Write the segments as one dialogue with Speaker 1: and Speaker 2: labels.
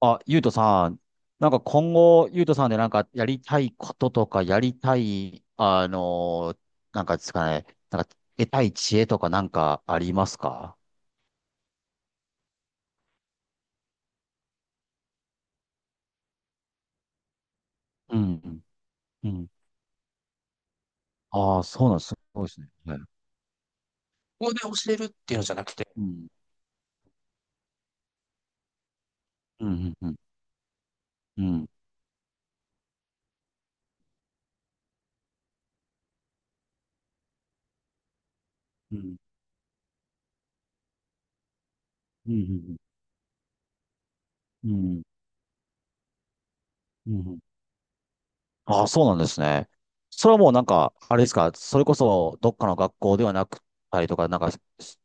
Speaker 1: あ、ゆうとさん、なんか今後、ゆうとさんでなんかやりたいこととか、やりたい、なんかですかね、なんか得たい知恵とかなんかありますか？うん。うん。ああ、そうなんです。すごいですね。はい。ここで教えるっていうのじゃなくて、うん。うん。うん。うん。うん。うん。うん。うん。うん。うん。ああ、そうなんですね。それはもうなんか、あれですか、それこそどっかの学校ではなくたりとか、なんか、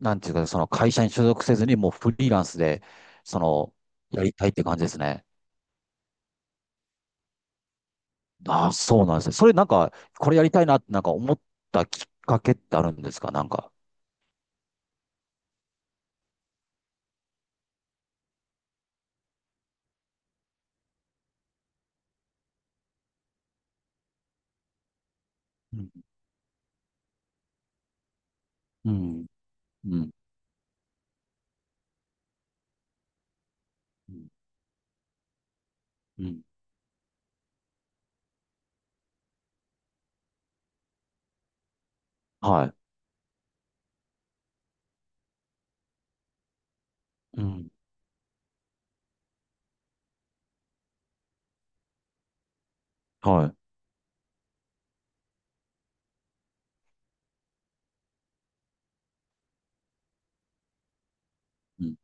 Speaker 1: なんていうか、その会社に所属せずにもうフリーランスで、その、やりたいって感じですね。ああ、そうなんですね。それなんか、これやりたいなってなんか思ったきっかけってあるんですか、なんか。うん。うん。うん。うんうん、はい。うん。はい。うん。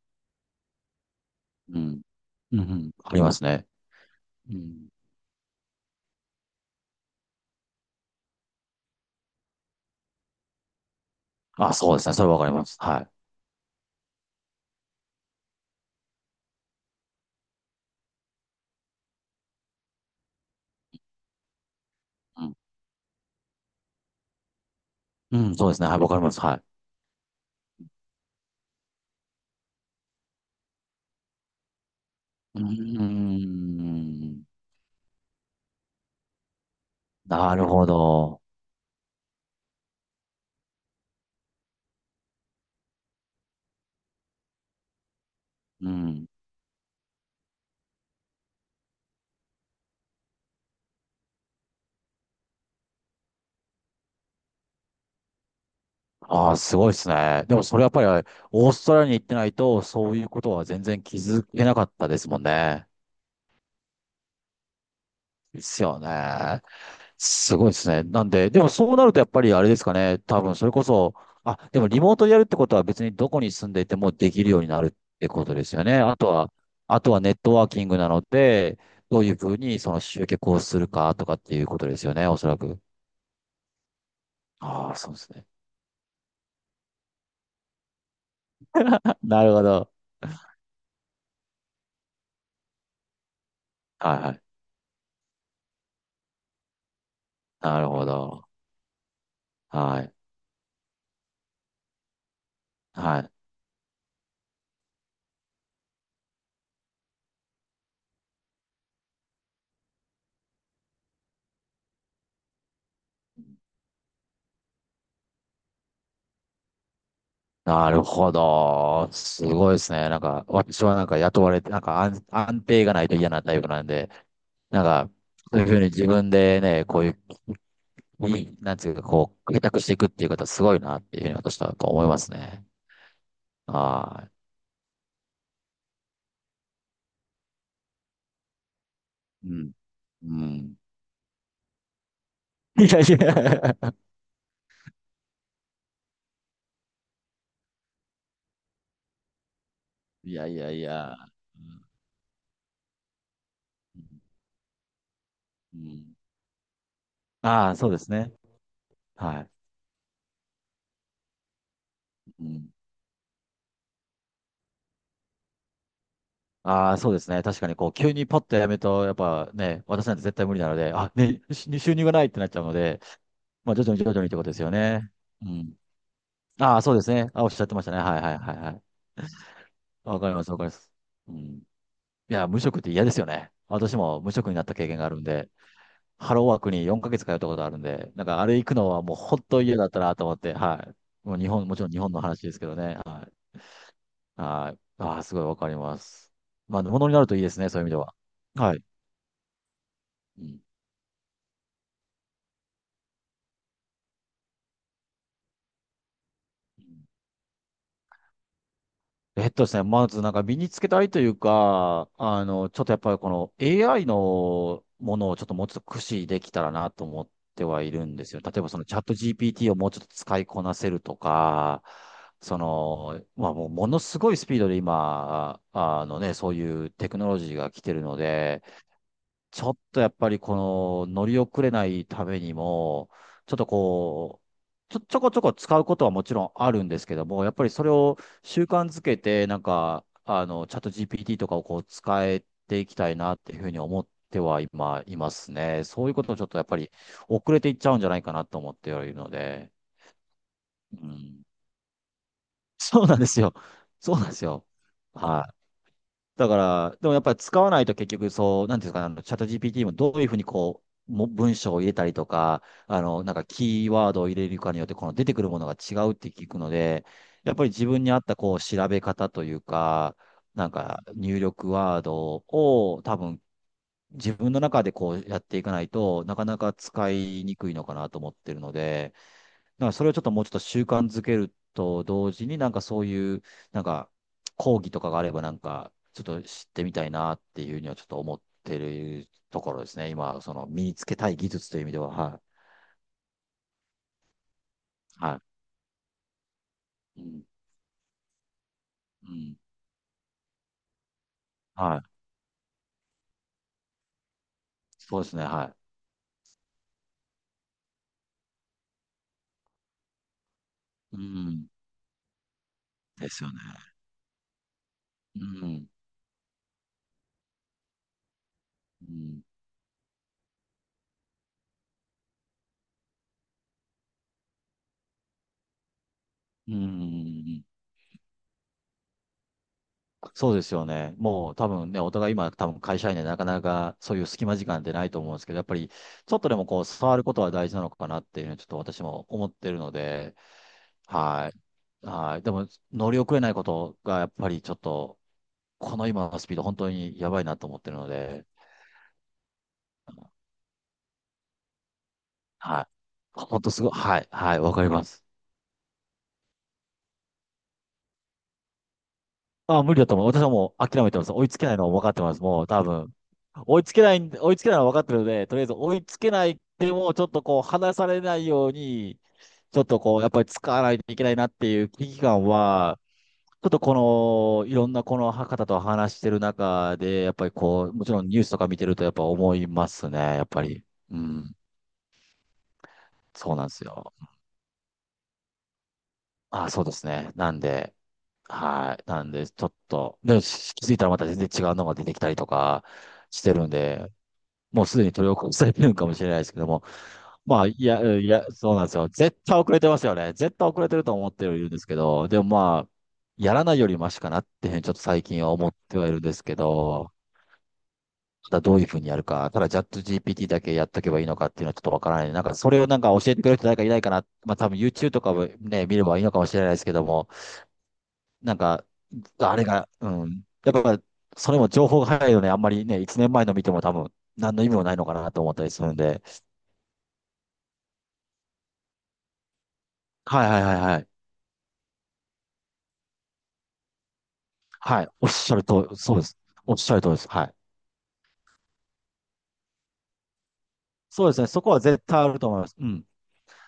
Speaker 1: うん。うんうん、ありますね。うん。あ、そうですね。それわかります。はい。うん。うん、そうですね。はい、わかります。はい。うーん。なるほど。うん。ああ、すごいですね。でもそれやっぱり、オーストラリアに行ってないと、そういうことは全然気づけなかったですもんね。ですよね。すごいですね。なんで、でもそうなるとやっぱりあれですかね。多分それこそ、あ、でもリモートでやるってことは別にどこに住んでいてもできるようになるってことですよね。あとは、あとはネットワーキングなので、どういうふうにその集客をするかとかっていうことですよね。おそらく。ああ、そうですね。なるほど。はいはい。なるほど。はい。はい。なるほど。すごいですね。なんか、私はなんか雇われて、なんか安、安定がないと嫌なタイプなんで、なんか、そういうふうに自分でね、こういう、い、なんていうか、こう、開拓していくっていう方すごいなっていうふうに私は思いますね。はい。うん。うん。いやいや。いやいやいや。うん。うん。ああ、そうですね。はい。うん。ああ、そうですね。確かに、こう、急にパッとやめると、やっぱね、私なんて絶対無理なので、あ、ね、し収入がないってなっちゃうので、まあ、徐々に徐々にってことですよね。うん。ああ、そうですね。あ、おっしゃってましたね。はいはいはいはい。わかります、わかります。うん。いや、無職って嫌ですよね。私も無職になった経験があるんで、ハローワークに4ヶ月通ったことあるんで、なんかあれ行くのはもう本当嫌だったなと思って、はい。もう日本、もちろん日本の話ですけどね。はい。はい。ああ、すごいわかります。まあ、ものになるといいですね、そういう意味では。はい。うん。ですね、まずなんか身につけたいというか、ちょっとやっぱりこの AI のものをちょっともうちょっと駆使できたらなと思ってはいるんですよ。例えばそのチャット GPT をもうちょっと使いこなせるとか、その、まあもうものすごいスピードで今、あのね、そういうテクノロジーが来てるので、ちょっとやっぱりこの乗り遅れないためにも、ちょっとこう、ちょ、ちょこちょこ使うことはもちろんあるんですけども、やっぱりそれを習慣づけて、なんか、チャット GPT とかをこう使えていきたいなっていうふうに思っては今、いますね。そういうことをちょっとやっぱり遅れていっちゃうんじゃないかなと思ってはいるので、うん。そうなんですよ。そうなんですよ。はい。だから、でもやっぱり使わないと結局そう、なんていうんですかね、チャット GPT もどういうふうにこう、も文章を入れたりとか、なんかキーワードを入れるかによって、この出てくるものが違うって聞くので、やっぱり自分に合ったこう、調べ方というか、なんか入力ワードを多分自分の中でこうやっていかないとなかなか使いにくいのかなと思ってるので、なんかそれをちょっともうちょっと習慣づけると同時に、なんかそういう、なんか講義とかがあれば、なんかちょっと知ってみたいなっていうにはちょっと思ってるところですね。今、その身につけたい技術という意味では、はい。はい。うん。うん。はい。そうですね。はい。うん。ですよね。うん。うん。うん。うん。そうですよね。もう多分ね、お互い今多分会社員でなかなかそういう隙間時間ってないと思うんですけど、やっぱりちょっとでもこう触ることは大事なのかなっていうのはちょっと私も思ってるので、はい。はい。でも乗り遅れないことがやっぱりちょっと、この今のスピード本当にやばいなと思ってるので、はい。本当すごい。はい。はい。わかります。あ、無理だと思う。私はもう諦めてます。追いつけないのは分かってます。もう多分。追いつけないのは分かってるので、とりあえず追いつけないでも、ちょっとこう、離されないように、ちょっとこう、やっぱり使わないといけないなっていう危機感は、ちょっとこの、いろんなこの方と話してる中で、やっぱりこう、もちろんニュースとか見てるとやっぱ思いますね、やっぱり。うん、そうなんですよ。あ、そうですね。なんで、はい。なんで、ちょっと、で、し気づいたらまた全然違うのが出てきたりとかしてるんで、もうすでに取り起こされてるんかもしれないですけども、まあ、いや、うん、いや、そうなんですよ。絶対遅れてますよね。絶対遅れてると思ってはいるんですけど、でもまあ、やらないよりマシかなっていうふうにちょっと最近は思ってはいるんですけど、まただどういうふうにやるか、ただチャット GPT だけやっとけばいいのかっていうのはちょっとわからない。なんかそれをなんか教えてくれる人誰かいないかな。まあ多分 YouTube とかもね、見ればいいのかもしれないですけども、なんか、あれが、うん。やっぱ、それも情報が早いので、あんまりね、1年前の見ても多分、何の意味もないのかなと思ったりするんで、はいはいはいはい。はい。おっしゃるとり、そうです。おっしゃるとりです。はい。そうですね。そこは絶対あると思います。うん。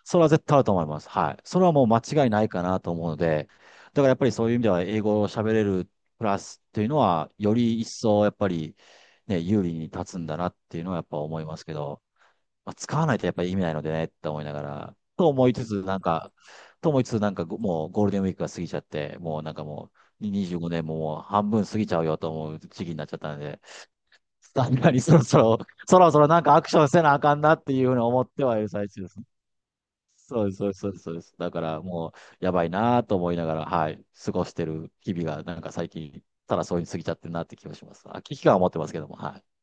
Speaker 1: それは絶対あると思います。はい。それはもう間違いないかなと思うので、だからやっぱりそういう意味では英語を喋れるプラスっていうのは、より一層やっぱりね、有利に立つんだなっていうのはやっぱ思いますけど、まあ、使わないとやっぱり意味ないのでねって思いながら、と思いつつなんか、と思いつつなんか、ご、もうゴールデンウィークが過ぎちゃって、もうなんかもう25年ももう半分過ぎちゃうよと思う時期になっちゃったので、さんなにそろそろ、そろそろなんかアクションせなあかんなっていうふうに思ってはいる最中ですね。そうです、そうです、そうです。そうです、だからもう、やばいなと思いながら、はい、過ごしてる日々が、なんか最近、ただそういうに過ぎちゃってるなって気がします。あ、危機感をは持ってますけども、はい。